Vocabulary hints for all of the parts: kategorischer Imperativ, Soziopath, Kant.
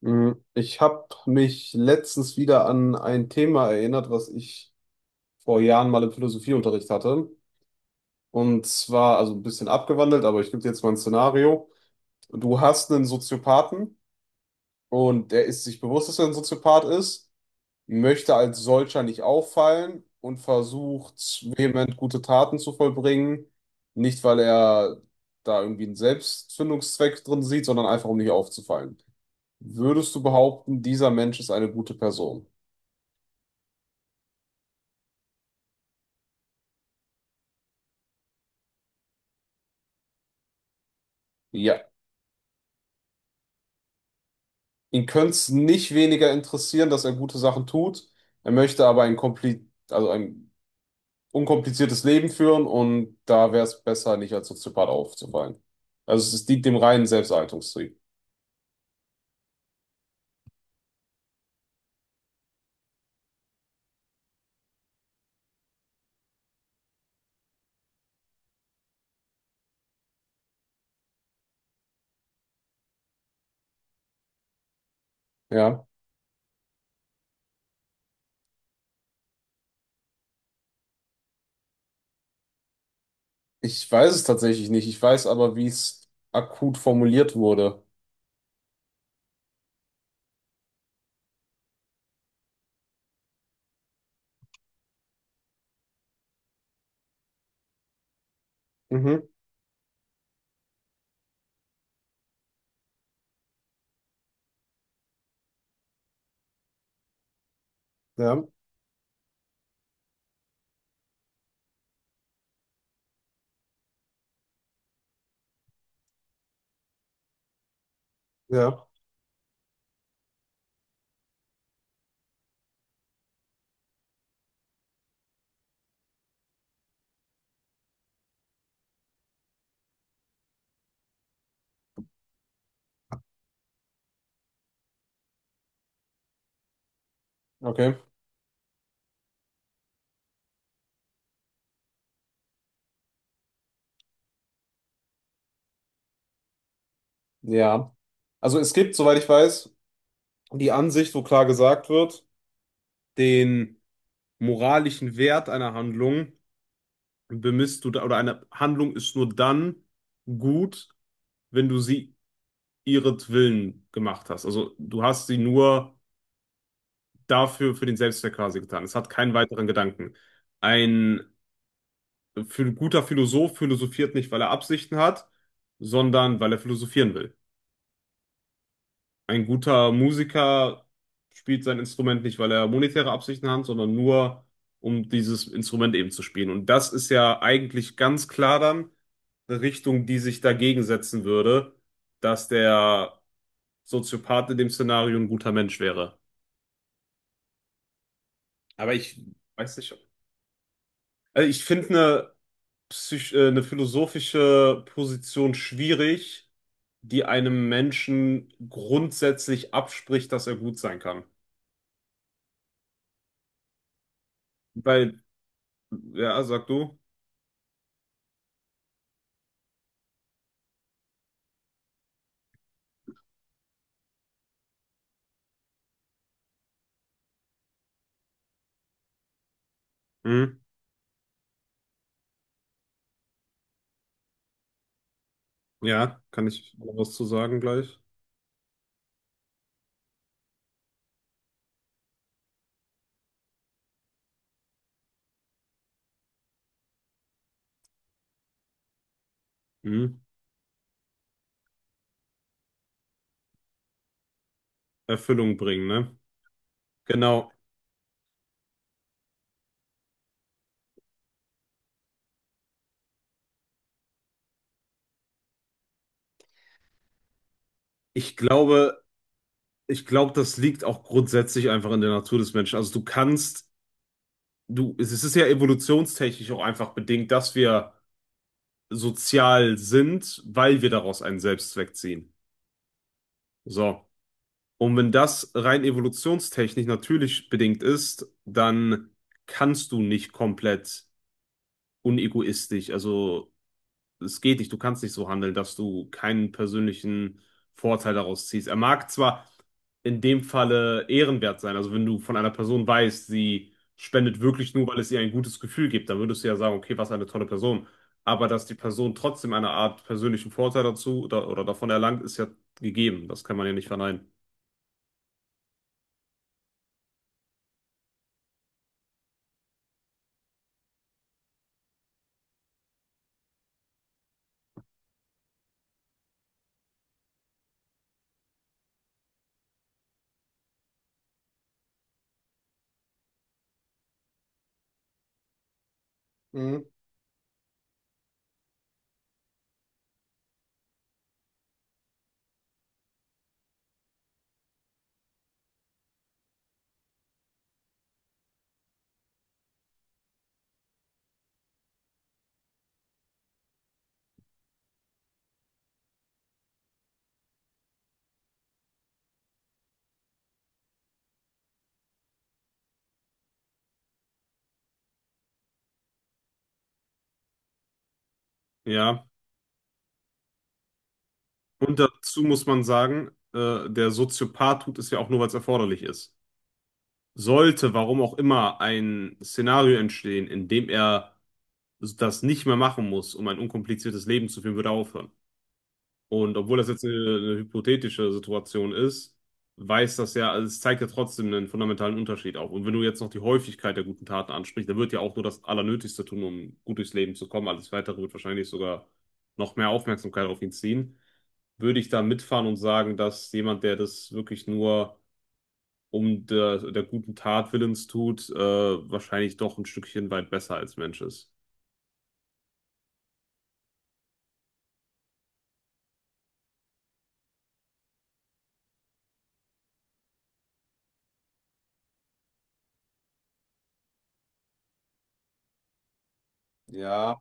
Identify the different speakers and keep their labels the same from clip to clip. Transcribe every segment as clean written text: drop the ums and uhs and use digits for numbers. Speaker 1: Ich habe mich letztens wieder an ein Thema erinnert, was ich vor Jahren mal im Philosophieunterricht hatte. Und zwar, also ein bisschen abgewandelt, aber ich gebe dir jetzt mal ein Szenario. Du hast einen Soziopathen und der ist sich bewusst, dass er ein Soziopath ist, möchte als solcher nicht auffallen und versucht vehement gute Taten zu vollbringen. Nicht, weil er da irgendwie einen Selbstfindungszweck drin sieht, sondern einfach, um nicht aufzufallen. Würdest du behaupten, dieser Mensch ist eine gute Person? Ja, ihn könnte es nicht weniger interessieren, dass er gute Sachen tut. Er möchte aber ein kompli also ein unkompliziertes Leben führen und da wäre es besser, nicht als Soziopath aufzufallen. Also es dient dem reinen Selbsterhaltungstrieb. Ja, ich weiß es tatsächlich nicht. Ich weiß aber, wie es akut formuliert wurde. Mhm, ja, ja. Okay, ja. Also es gibt, soweit ich weiß, die Ansicht, wo klar gesagt wird, den moralischen Wert einer Handlung bemisst du da, oder eine Handlung ist nur dann gut, wenn du sie ihretwillen gemacht hast. Also du hast sie nur dafür, für den Selbstzweck quasi getan. Es hat keinen weiteren Gedanken. Ein guter Philosoph philosophiert nicht, weil er Absichten hat, sondern weil er philosophieren will. Ein guter Musiker spielt sein Instrument nicht, weil er monetäre Absichten hat, sondern nur, um dieses Instrument eben zu spielen. Und das ist ja eigentlich ganz klar dann eine Richtung, die sich dagegen setzen würde, dass der Soziopath in dem Szenario ein guter Mensch wäre. Aber ich weiß nicht. Also ich finde eine, eine philosophische Position schwierig, die einem Menschen grundsätzlich abspricht, dass er gut sein kann. Weil. Ja, sag du. Hm. Ja, kann ich noch was zu sagen gleich? Hm. Erfüllung bringen, ne? Genau. Ich glaube, ich glaube, das liegt auch grundsätzlich einfach in der Natur des Menschen. Also es ist ja evolutionstechnisch auch einfach bedingt, dass wir sozial sind, weil wir daraus einen Selbstzweck ziehen. So. Und wenn das rein evolutionstechnisch natürlich bedingt ist, dann kannst du nicht komplett unegoistisch, also es geht nicht, du kannst nicht so handeln, dass du keinen persönlichen Vorteil daraus ziehst. Er mag zwar in dem Falle ehrenwert sein, also wenn du von einer Person weißt, sie spendet wirklich nur, weil es ihr ein gutes Gefühl gibt, dann würdest du ja sagen, okay, was eine tolle Person. Aber dass die Person trotzdem eine Art persönlichen Vorteil dazu oder davon erlangt, ist ja gegeben. Das kann man ja nicht verneinen. Mhm. Ja. Und dazu muss man sagen, der Soziopath tut es ja auch nur, weil es erforderlich ist. Sollte, warum auch immer, ein Szenario entstehen, in dem er das nicht mehr machen muss, um ein unkompliziertes Leben zu führen, würde er aufhören. Und obwohl das jetzt eine hypothetische Situation ist, weiß das ja, also es zeigt ja trotzdem einen fundamentalen Unterschied auf. Und wenn du jetzt noch die Häufigkeit der guten Taten ansprichst, dann wird ja auch nur das Allernötigste tun, um gut durchs Leben zu kommen. Alles Weitere wird wahrscheinlich sogar noch mehr Aufmerksamkeit auf ihn ziehen. Würde ich da mitfahren und sagen, dass jemand, der das wirklich nur um der guten Tat willens tut, wahrscheinlich doch ein Stückchen weit besser als Mensch ist. Ja,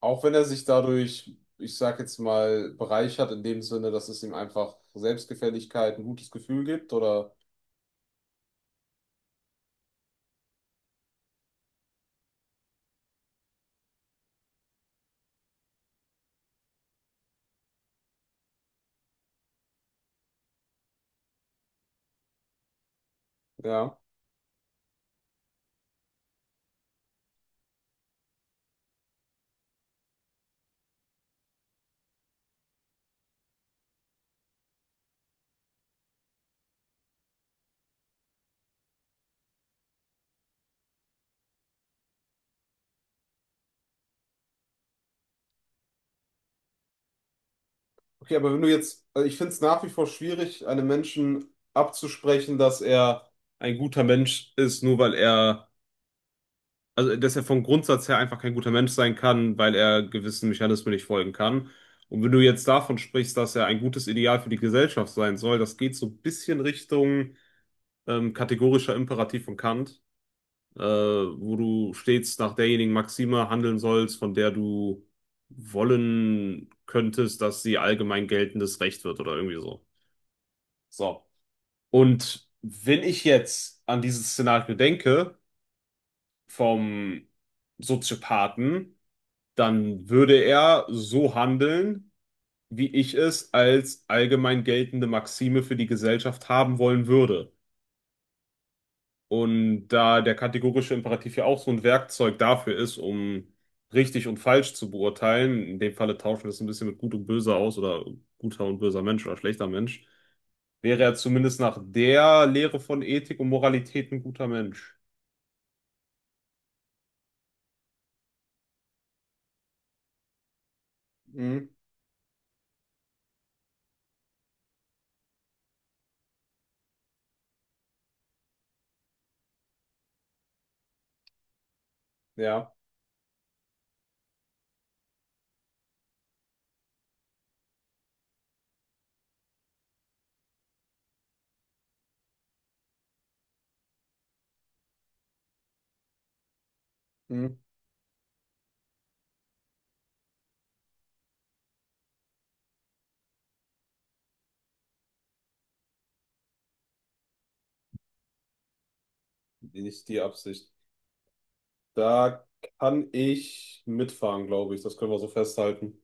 Speaker 1: auch wenn er sich dadurch, ich sag jetzt mal, bereichert in dem Sinne, dass es ihm einfach Selbstgefälligkeit, ein gutes Gefühl gibt oder ja. Okay, aber wenn du jetzt, also ich finde es nach wie vor schwierig, einem Menschen abzusprechen, dass er ein guter Mensch ist, nur weil er. Also, dass er vom Grundsatz her einfach kein guter Mensch sein kann, weil er gewissen Mechanismen nicht folgen kann. Und wenn du jetzt davon sprichst, dass er ein gutes Ideal für die Gesellschaft sein soll, das geht so ein bisschen Richtung kategorischer Imperativ von Kant, wo du stets nach derjenigen Maxime handeln sollst, von der du wollen könntest, dass sie allgemein geltendes Recht wird oder irgendwie so. So. Und wenn ich jetzt an dieses Szenario denke, vom Soziopathen, dann würde er so handeln, wie ich es als allgemein geltende Maxime für die Gesellschaft haben wollen würde. Und da der kategorische Imperativ ja auch so ein Werkzeug dafür ist, um richtig und falsch zu beurteilen, in dem Falle tauschen wir es ein bisschen mit gut und böse aus oder guter und böser Mensch oder schlechter Mensch, wäre er zumindest nach der Lehre von Ethik und Moralität ein guter Mensch. Mhm. Ja. Mhm. Nicht die Absicht. Da kann ich mitfahren, glaube ich. Das können wir so festhalten.